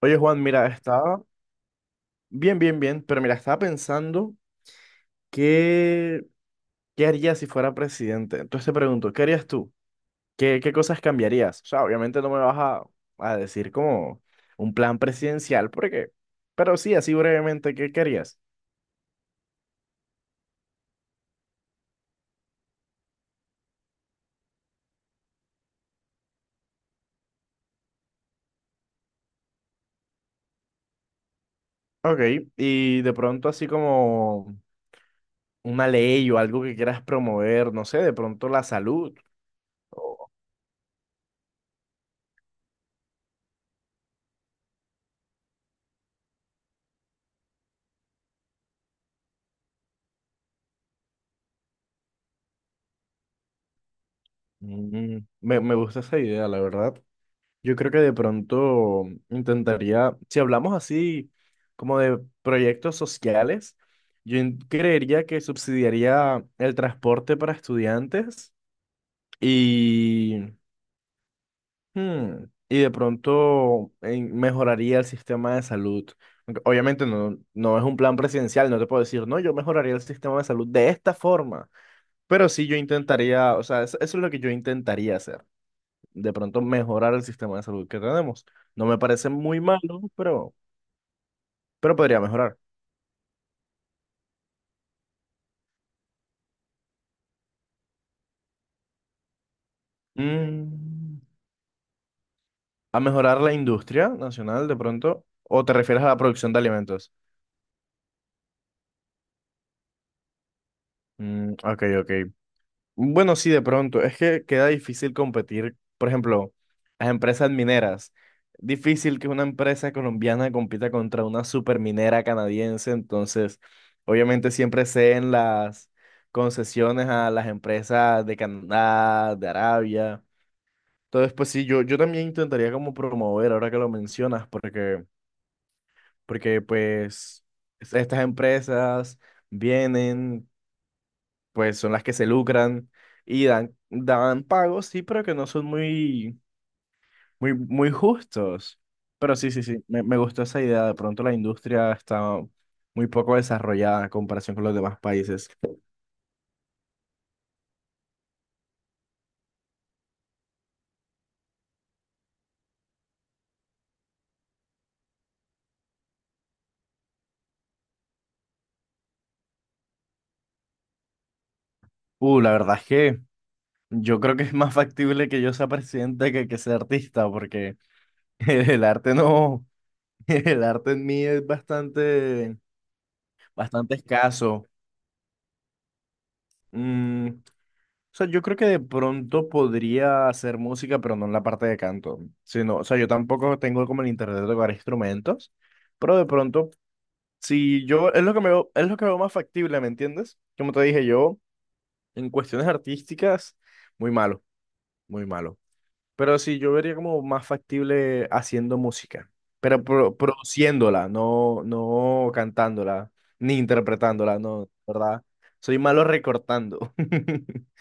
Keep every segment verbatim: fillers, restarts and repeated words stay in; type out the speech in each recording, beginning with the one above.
Oye, Juan, mira, estaba bien, bien, bien, pero mira, estaba pensando qué, qué haría si fuera presidente. Entonces te pregunto, ¿qué harías tú? ¿Qué, qué cosas cambiarías? O sea, obviamente no me vas a, a decir como un plan presidencial, porque, pero sí, así brevemente, ¿qué querías? Ok, y de pronto así como una ley o algo que quieras promover, no sé, de pronto la salud. o- Mm, me, me gusta esa idea, la verdad. Yo creo que de pronto intentaría, si hablamos así como de proyectos sociales, yo in- creería que subsidiaría el transporte para estudiantes y, hmm, y de pronto eh, mejoraría el sistema de salud. Aunque obviamente no, no es un plan presidencial, no te puedo decir, no, yo mejoraría el sistema de salud de esta forma, pero sí yo intentaría, o sea, eso eso es lo que yo intentaría hacer de pronto mejorar el sistema de salud que tenemos. No me parece muy malo, pero, pero podría mejorar. Mm, a mejorar la industria nacional de pronto, o te refieres a la producción de alimentos. Mm, ok, ok. Bueno, sí, de pronto. Es que queda difícil competir, por ejemplo, las empresas mineras. Difícil que una empresa colombiana compita contra una superminera canadiense. Entonces, obviamente siempre ceden las concesiones a las empresas de Canadá, de Arabia. Entonces, pues sí, yo, yo también intentaría como promover, ahora que lo mencionas, porque, porque pues es- estas empresas vienen, pues son las que se lucran y dan, dan pagos, sí, pero que no son muy, muy, muy justos. Pero sí, sí, sí, me, me gustó esa idea. De pronto la industria está muy poco desarrollada en comparación con los demás países. Uh, la verdad es que yo creo que es más factible que yo sea presidente que que sea artista, porque el arte no, el arte en mí es bastante, bastante escaso. Mm, o sea, yo creo que de pronto podría hacer música, pero no en la parte de canto. Sino, o sea, yo tampoco tengo como el interés de tocar instrumentos, pero de pronto, si yo, es lo que me veo, es lo que veo más factible, ¿me entiendes? Como te dije, yo, en cuestiones artísticas, muy malo, muy malo. Pero sí, yo vería como más factible haciendo música, pero pro- produciéndola, no, no cantándola, ni interpretándola, no, ¿verdad? Soy malo recortando.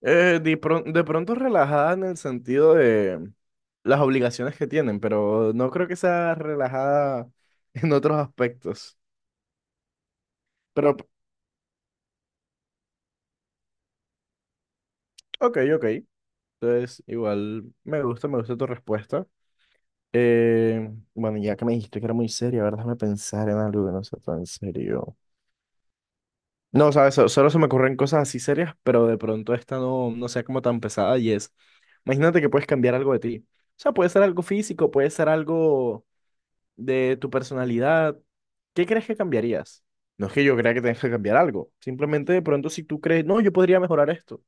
Eh, de, pron- de pronto relajada en el sentido de las obligaciones que tienen, pero no creo que sea relajada en otros aspectos. Pero, p- ok, ok. Entonces, igual me gusta, me gusta tu respuesta. Eh, bueno, ya que me dijiste que era muy seria, a ver, déjame pensar en algo que no sea tan serio. No, sabes, So- solo se me ocurren cosas así serias, pero de pronto esta no, no sea como tan pesada y es, imagínate que puedes cambiar algo de ti. O sea, puede ser algo físico, puede ser algo de tu personalidad, ¿qué crees que cambiarías? No es que yo crea que tengas que cambiar algo, simplemente de pronto si tú crees, no, yo podría mejorar esto.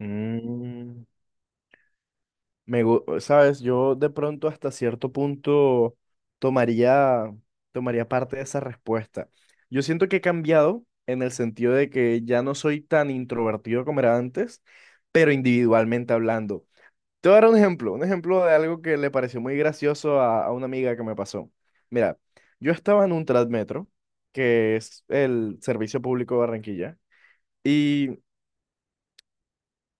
Mm, me, gu- sabes, yo de pronto hasta cierto punto tomaría, tomaría parte de esa respuesta. Yo siento que he cambiado en el sentido de que ya no soy tan introvertido como era antes, pero individualmente hablando. Te voy a dar un ejemplo, un ejemplo de algo que le pareció muy gracioso a, a una amiga que me pasó. Mira, yo estaba en un Transmetro, que es el servicio público de Barranquilla, y,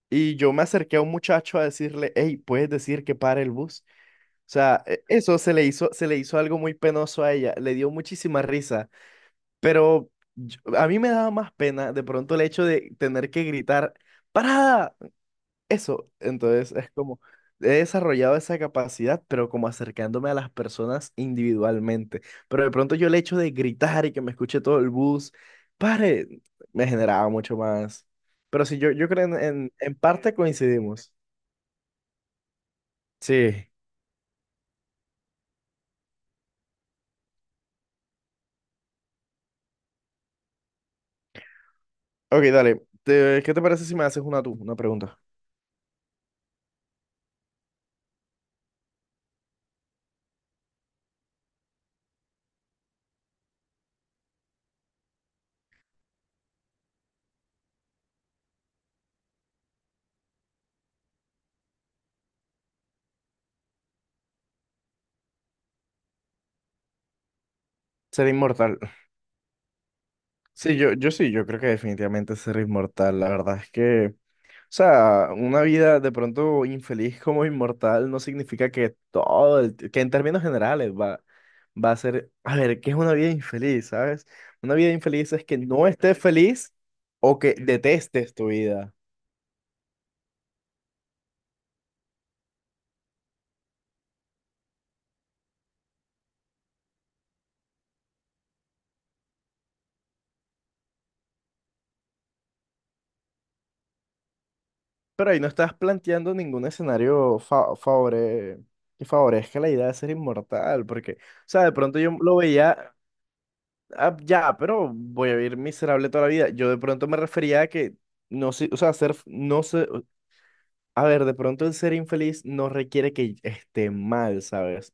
y yo me acerqué a un muchacho a decirle, hey, ¿puedes decir que pare el bus? O sea, e- eso se le hizo, se le hizo algo muy penoso a ella, le dio muchísima risa, pero yo- a mí me daba más pena de pronto el hecho de tener que gritar, ¡Parada! Eso, entonces es como, he desarrollado esa capacidad, pero como acercándome a las personas individualmente. Pero de pronto yo el hecho de gritar y que me escuche todo el bus, pare, me generaba mucho más. Pero sí, yo, yo creo en, en, en parte coincidimos. Sí. Ok, dale. Te- ¿qué te parece si me haces una tú, una pregunta? Ser inmortal. Sí, yo, yo sí, yo creo que definitivamente ser inmortal. La verdad es que... O sea, una vida de pronto infeliz como inmortal no significa que todo, el t- que en términos generales va, va a ser, a ver, ¿qué es una vida infeliz, sabes? Una vida infeliz es que no estés feliz o que detestes tu vida. Pero ahí no estás planteando ningún escenario fa- favore- que favorezca la idea de ser inmortal, porque, o sea, de pronto yo lo veía, "Ah, ya, pero voy a vivir miserable toda la vida." Yo de pronto me refería a que no sé, o sea, ser, no sé, a ver, de pronto el ser infeliz no requiere que esté mal, ¿sabes?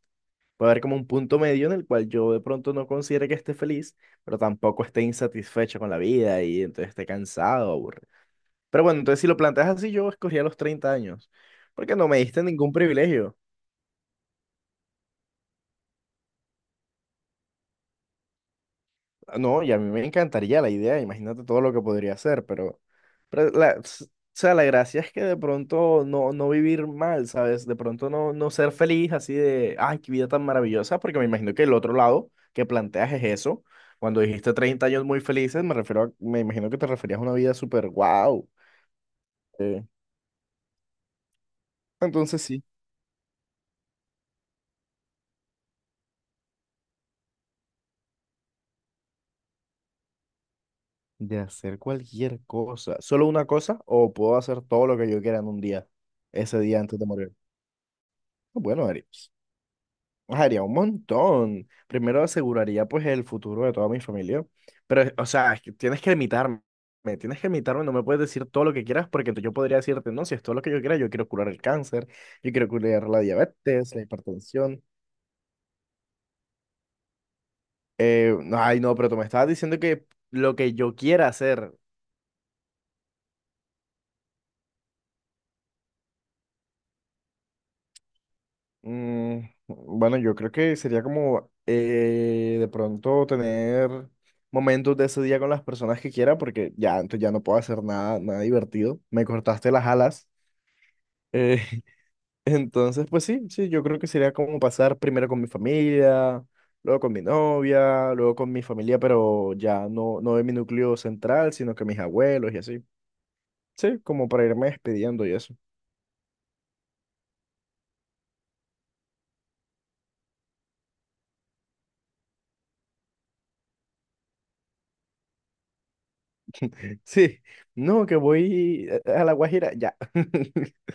Puede haber como un punto medio en el cual yo de pronto no considere que esté feliz, pero tampoco esté insatisfecho con la vida y entonces esté cansado, aburrido. Pero bueno, entonces si lo planteas así, yo escogía los treinta años, porque no me diste ningún privilegio. No, y a mí me encantaría la idea, imagínate todo lo que podría hacer, pero, pero la, s- o sea, la gracia es que de pronto no, no vivir mal, ¿sabes? De pronto no, no ser feliz así de, ay, qué vida tan maravillosa, porque me imagino que el otro lado que planteas es eso. Cuando dijiste treinta años muy felices, me refiero a- me imagino que te referías a una vida súper wow. Entonces sí, de hacer cualquier cosa, solo una cosa, o puedo hacer todo lo que yo quiera en un día, ese día antes de morir. Bueno, Ari. Haría un montón. Primero aseguraría pues el futuro de toda mi familia. Pero, o sea, es que tienes que limitarme. Tienes que limitarme, no me puedes decir todo lo que quieras porque entonces yo podría decirte, no, si es todo lo que yo quiera, yo quiero curar el cáncer, yo quiero curar la diabetes, la hipertensión. Eh, no, ay, no, pero tú me estabas diciendo que lo que yo quiera hacer, mm, bueno, yo creo que sería como eh, de pronto tener momentos de ese día con las personas que quiera, porque ya, entonces ya no puedo hacer nada, nada divertido. Me cortaste las alas. Eh, entonces, pues sí, sí, yo creo que sería como pasar primero con mi familia, luego con mi novia, luego con mi familia, pero ya no, no de mi núcleo central, sino que mis abuelos y así. Sí, como para irme despidiendo y eso. Sí, no, que voy eh, a La Guajira, ya.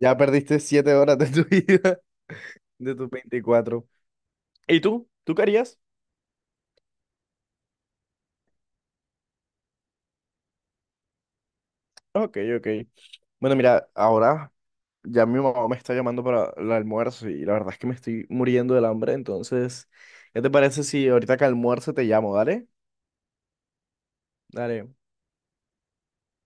Ya perdiste siete horas de tu vida, de tus veinticuatro. ¿Y tú? ¿Tú qué harías? Ok, ok. Bueno, mira, ahora ya mi mamá me está llamando para el almuerzo y la verdad es que me estoy muriendo del hambre, entonces, ¿qué te parece si ahorita que almuerzo te llamo, dale? Dale.